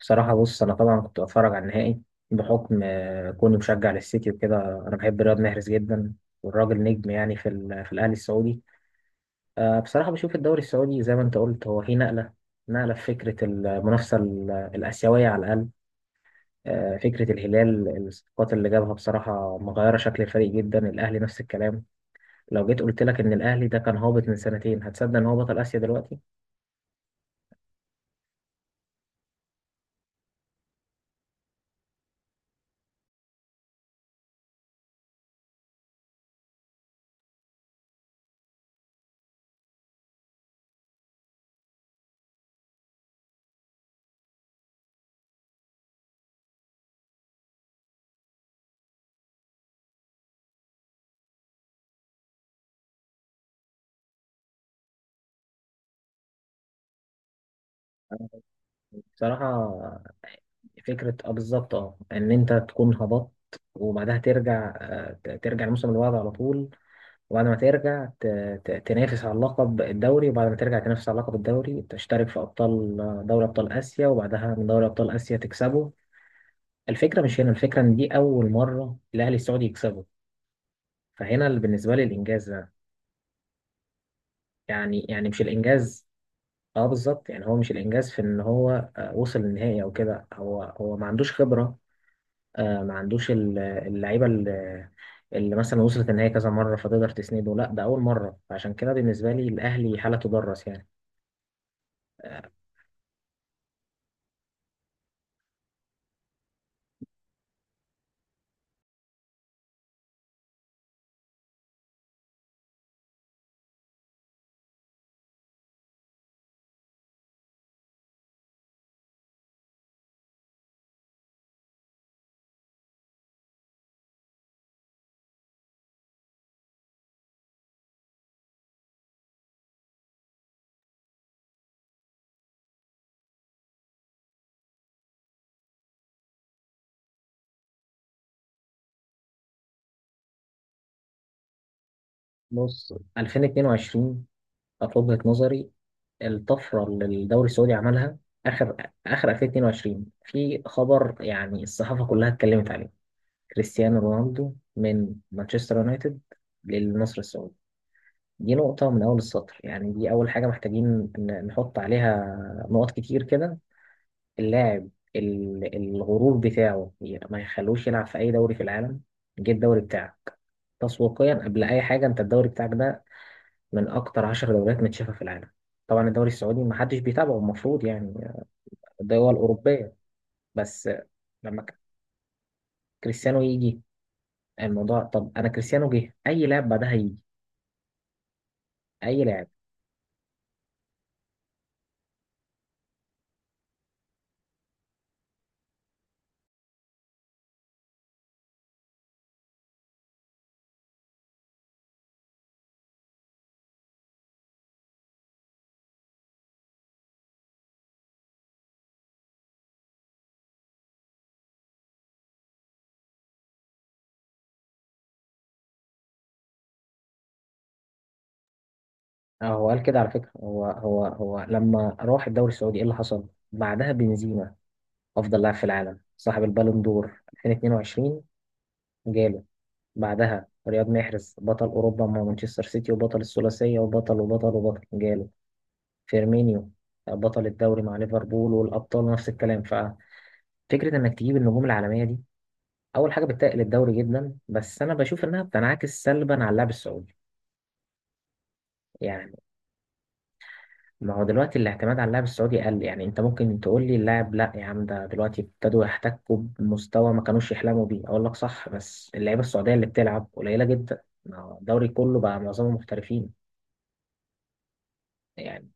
بصراحة، بص، أنا طبعا كنت بتفرج على النهائي بحكم كوني مشجع للسيتي وكده. أنا بحب رياض محرز جدا، والراجل نجم يعني في الأهلي السعودي. بصراحة، بشوف الدوري السعودي زي ما أنت قلت، هو فيه نقلة نقلة في فكرة المنافسة الآسيوية على الأقل. فكرة الهلال، الصفقات اللي جابها بصراحة مغيرة شكل الفريق جدا. الأهلي نفس الكلام. لو جيت قلت لك إن الأهلي ده كان هابط من سنتين، هتصدق إن هو بطل آسيا دلوقتي؟ بصراحة، فكرة، بالظبط، ان انت تكون هبطت وبعدها ترجع، ترجع الموسم اللي بعده على طول. وبعد ما ترجع، تنافس على اللقب الدوري، وبعد ما ترجع تنافس على لقب الدوري تشترك في ابطال، دوري ابطال اسيا، وبعدها من دوري ابطال اسيا تكسبه. الفكرة مش هنا. الفكرة ان دي اول مرة الاهلي السعودي يكسبه. فهنا اللي بالنسبة لي الانجاز ده، يعني مش الانجاز. اه، بالظبط، يعني هو مش الانجاز في ان هو وصل للنهائي او كده. هو ما عندوش خبرة. ما عندوش اللعيبه اللي مثلا وصلت النهائي كذا مره فتقدر تسنده. لا، ده اول مره، فعشان كده بالنسبه لي الاهلي حاله تدرس، يعني. آه، بص، 2022 كانت وجهه نظري الطفره اللي الدوري السعودي عملها. اخر اخر 2022 في خبر يعني الصحافه كلها اتكلمت عليه: كريستيانو رونالدو من مانشستر يونايتد للنصر السعودي. دي نقطة من أول السطر، يعني دي أول حاجة محتاجين نحط عليها نقط كتير كده. اللاعب، الغرور بتاعه ما يخلوش يلعب في اي دوري في العالم. جه الدوري بتاعك. تسويقيا قبل اي حاجه، انت الدوري بتاعك ده من اكتر 10 دوريات متشافه في العالم. طبعا الدوري السعودي ما حدش بيتابعه، المفروض يعني الدول الاوروبيه. بس لما كريستيانو يجي، الموضوع، طب انا كريستيانو جه، اي لاعب بعدها يجي. اي لاعب. هو قال كده على فكره. هو لما راح الدوري السعودي، ايه اللي حصل بعدها؟ بنزيما، افضل لاعب في العالم، صاحب البالون دور 2022، جاله. بعدها رياض محرز، بطل أوروبا مع مانشستر سيتي وبطل الثلاثية وبطل وبطل وبطل، جاله. فيرمينيو، بطل الدوري مع ليفربول والأبطال، نفس الكلام. ففكرة إنك تجيب النجوم العالمية دي أول حاجة بتقل الدوري جدا، بس أنا بشوف إنها بتنعكس سلبا على اللاعب السعودي، يعني. ما هو دلوقتي الاعتماد على اللاعب السعودي قل. يعني أنت ممكن تقول لي: اللاعب، لا يا عم، ده دلوقتي ابتدوا يحتكوا بمستوى ما كانوش يحلموا بيه. أقول لك صح، بس اللعيبة السعودية اللي بتلعب قليلة جدا، ما هو الدوري كله بقى معظمهم محترفين، يعني.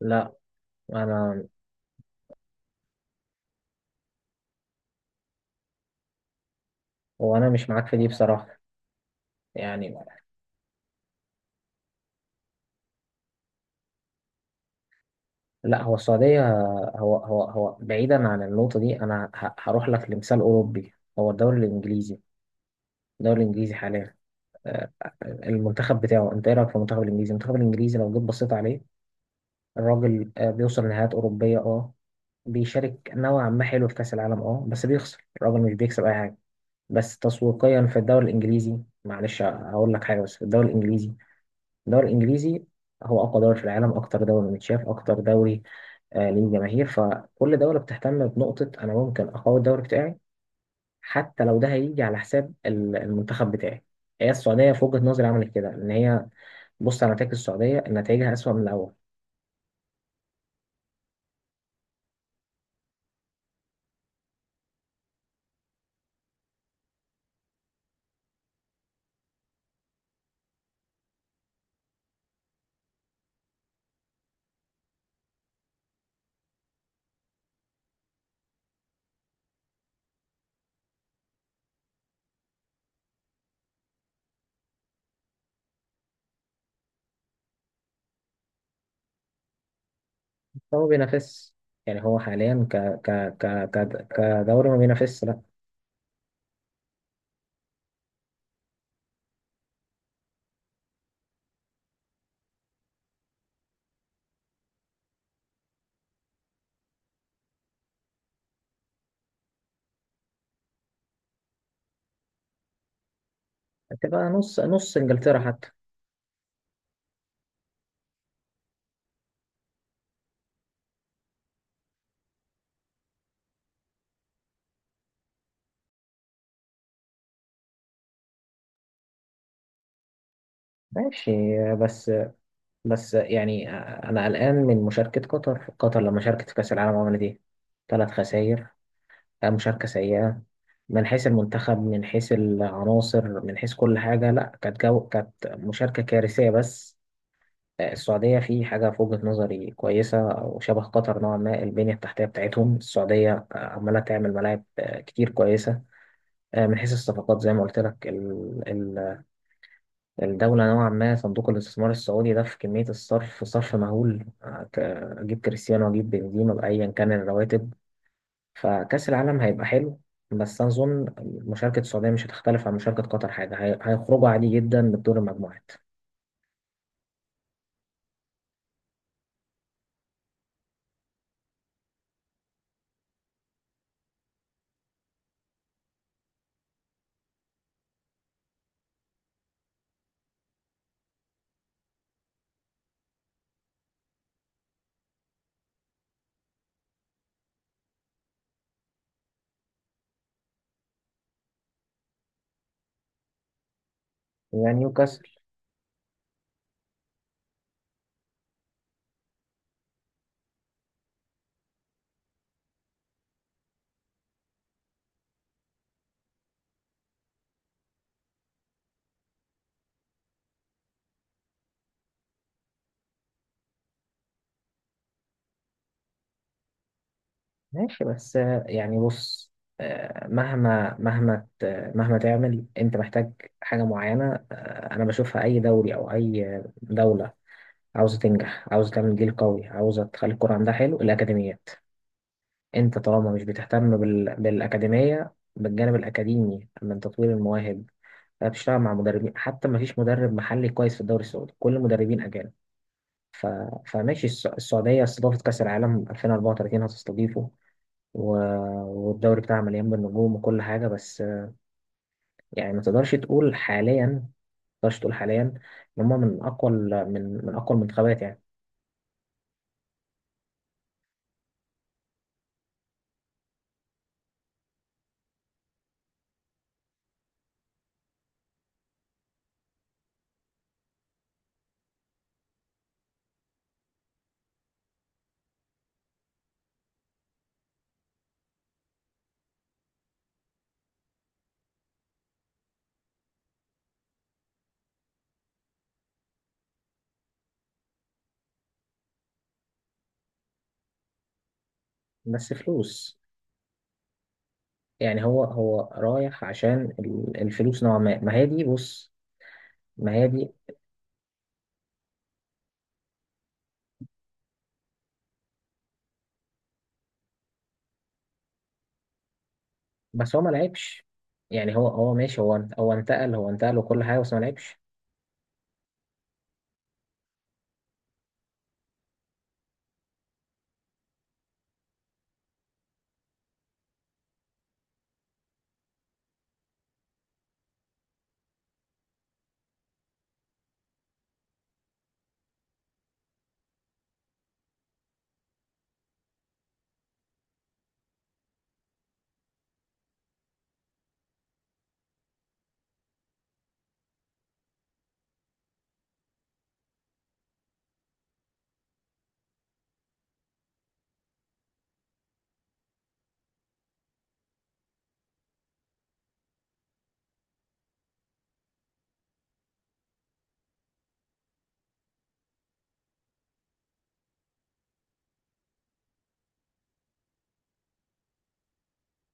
لا، انا انا مش معاك في دي بصراحه، يعني. لا، هو السعوديه. هو بعيدا عن النقطه دي، انا هروح لك لمثال اوروبي، هو الدوري الانجليزي. الدوري الانجليزي حاليا، آه، المنتخب بتاعه، انت ايه رايك في المنتخب الانجليزي لو جيت بصيت عليه، الراجل بيوصل نهائيات اوروبيه، بيشارك نوعا ما حلو في كاس العالم، بس بيخسر. الراجل مش بيكسب اي حاجه، بس تسويقيا في الدوري الانجليزي. معلش، هقول لك حاجه، بس في الدوري الانجليزي هو اقوى دوري في العالم، اكتر دوري متشاف، اكتر دوري ليه جماهير. فكل دوله بتهتم بنقطه، انا ممكن اقوي الدوري بتاعي، حتى لو ده هيجي على حساب المنتخب بتاعي. هي السعوديه في وجهه نظري عملت كده، ان هي بص على نتائج السعوديه، نتائجها اسوأ من الاول. فهو بينافس، يعني هو حاليا ك ك ك ك كدوري ما بينافسش، لا. هتبقى نص نص انجلترا حتى. ماشي، بس بس يعني، انا قلقان من مشاركه قطر. قطر لما شاركت في كاس العالم، عملت ايه؟ 3 خسائر. مشاركه سيئه من حيث المنتخب، من حيث العناصر، من حيث كل حاجه. لا، كانت مشاركه كارثيه بس. السعوديه في حاجه في وجهه نظري كويسه او شبه قطر نوعا ما: البنيه التحتيه بتاعتهم. السعوديه عماله تعمل ملاعب كتير كويسه. من حيث الصفقات، زي ما قلت لك، الدولة نوعا ما صندوق الاستثمار السعودي ده، في كمية الصرف، صرف مهول. أجيب كريستيانو، أجيب بنزيما، بأيا كان الرواتب. فكأس العالم هيبقى حلو، بس أظن مشاركة السعودية مش هتختلف عن مشاركة قطر حاجة. هيخرجوا عادي جدا من دور المجموعات. يعني نيوكاسل. ماشي، بس يعني، بص، مهما تعمل أنت محتاج حاجة معينة. أنا بشوفها، أي دوري أو أي دولة عاوزة تنجح، عاوزة تعمل جيل قوي، عاوزة تخلي الكرة عندها حلو، الأكاديميات. انت طالما مش بتهتم بالاكاديميه، بالجانب الاكاديمي من تطوير المواهب، بتشتغل مع مدربين، حتى ما فيش مدرب محلي كويس في الدوري السعودي، كل مدربين اجانب. ف... فماشي، السعوديه استضافت كاس العالم 2034، هتستضيفه و... والدوري بتاعها مليان بالنجوم وكل حاجه، بس. يعني ما تقدرش تقول حاليا ان هم من اقوى من اقوى المنتخبات، يعني. بس فلوس، يعني هو رايح عشان الفلوس نوعا ما. ما هي دي، بص، ما هي دي. بس هو ما لعبش، يعني هو ماشي، هو انتقل وكل حاجة، بس ما لعبش.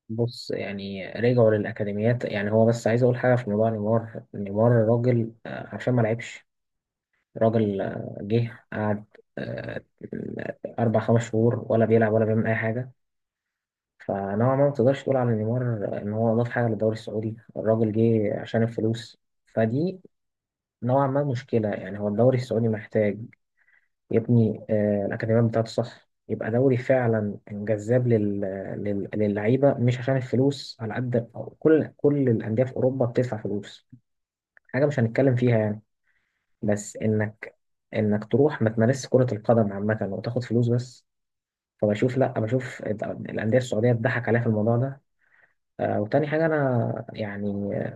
بص، يعني رجعوا للأكاديميات. يعني هو، بس عايز أقول حاجة في موضوع نيمار. نيمار راجل، عشان ما لعبش. راجل جه قعد آه، 4 5 شهور، ولا بيلعب ولا بيعمل أي حاجة. فنوعا ما، ما تقدرش تقول على نيمار إن هو أضاف حاجة للدوري السعودي. الراجل جه عشان الفلوس. فدي نوعا ما مشكلة، يعني هو الدوري السعودي محتاج، يا ابني الأكاديمية بتاعته صح، يبقى دوري فعلا جذاب للعيبة، مش عشان الفلوس على قد أو كل الأندية في أوروبا بتدفع فلوس، حاجة مش هنتكلم فيها، يعني. بس إنك تروح ما تمارسش كرة القدم عامة وتاخد فلوس بس. فبشوف، لأ، بشوف الأندية السعودية اتضحك عليها في الموضوع ده. وتاني حاجة، أنا يعني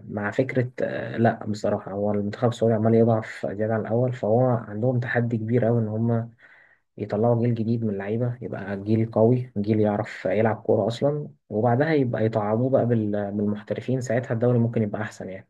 مع فكرة، لأ بصراحة هو المنتخب السعودي عمال يضعف زيادة عن الأول. فهو عندهم تحدي كبير أوي إن هم يطلعوا جيل جديد من اللعيبة، يبقى جيل قوي، جيل يعرف يلعب كورة أصلا، وبعدها يبقى يطعموه بقى بالمحترفين، ساعتها الدوري ممكن يبقى أحسن، يعني.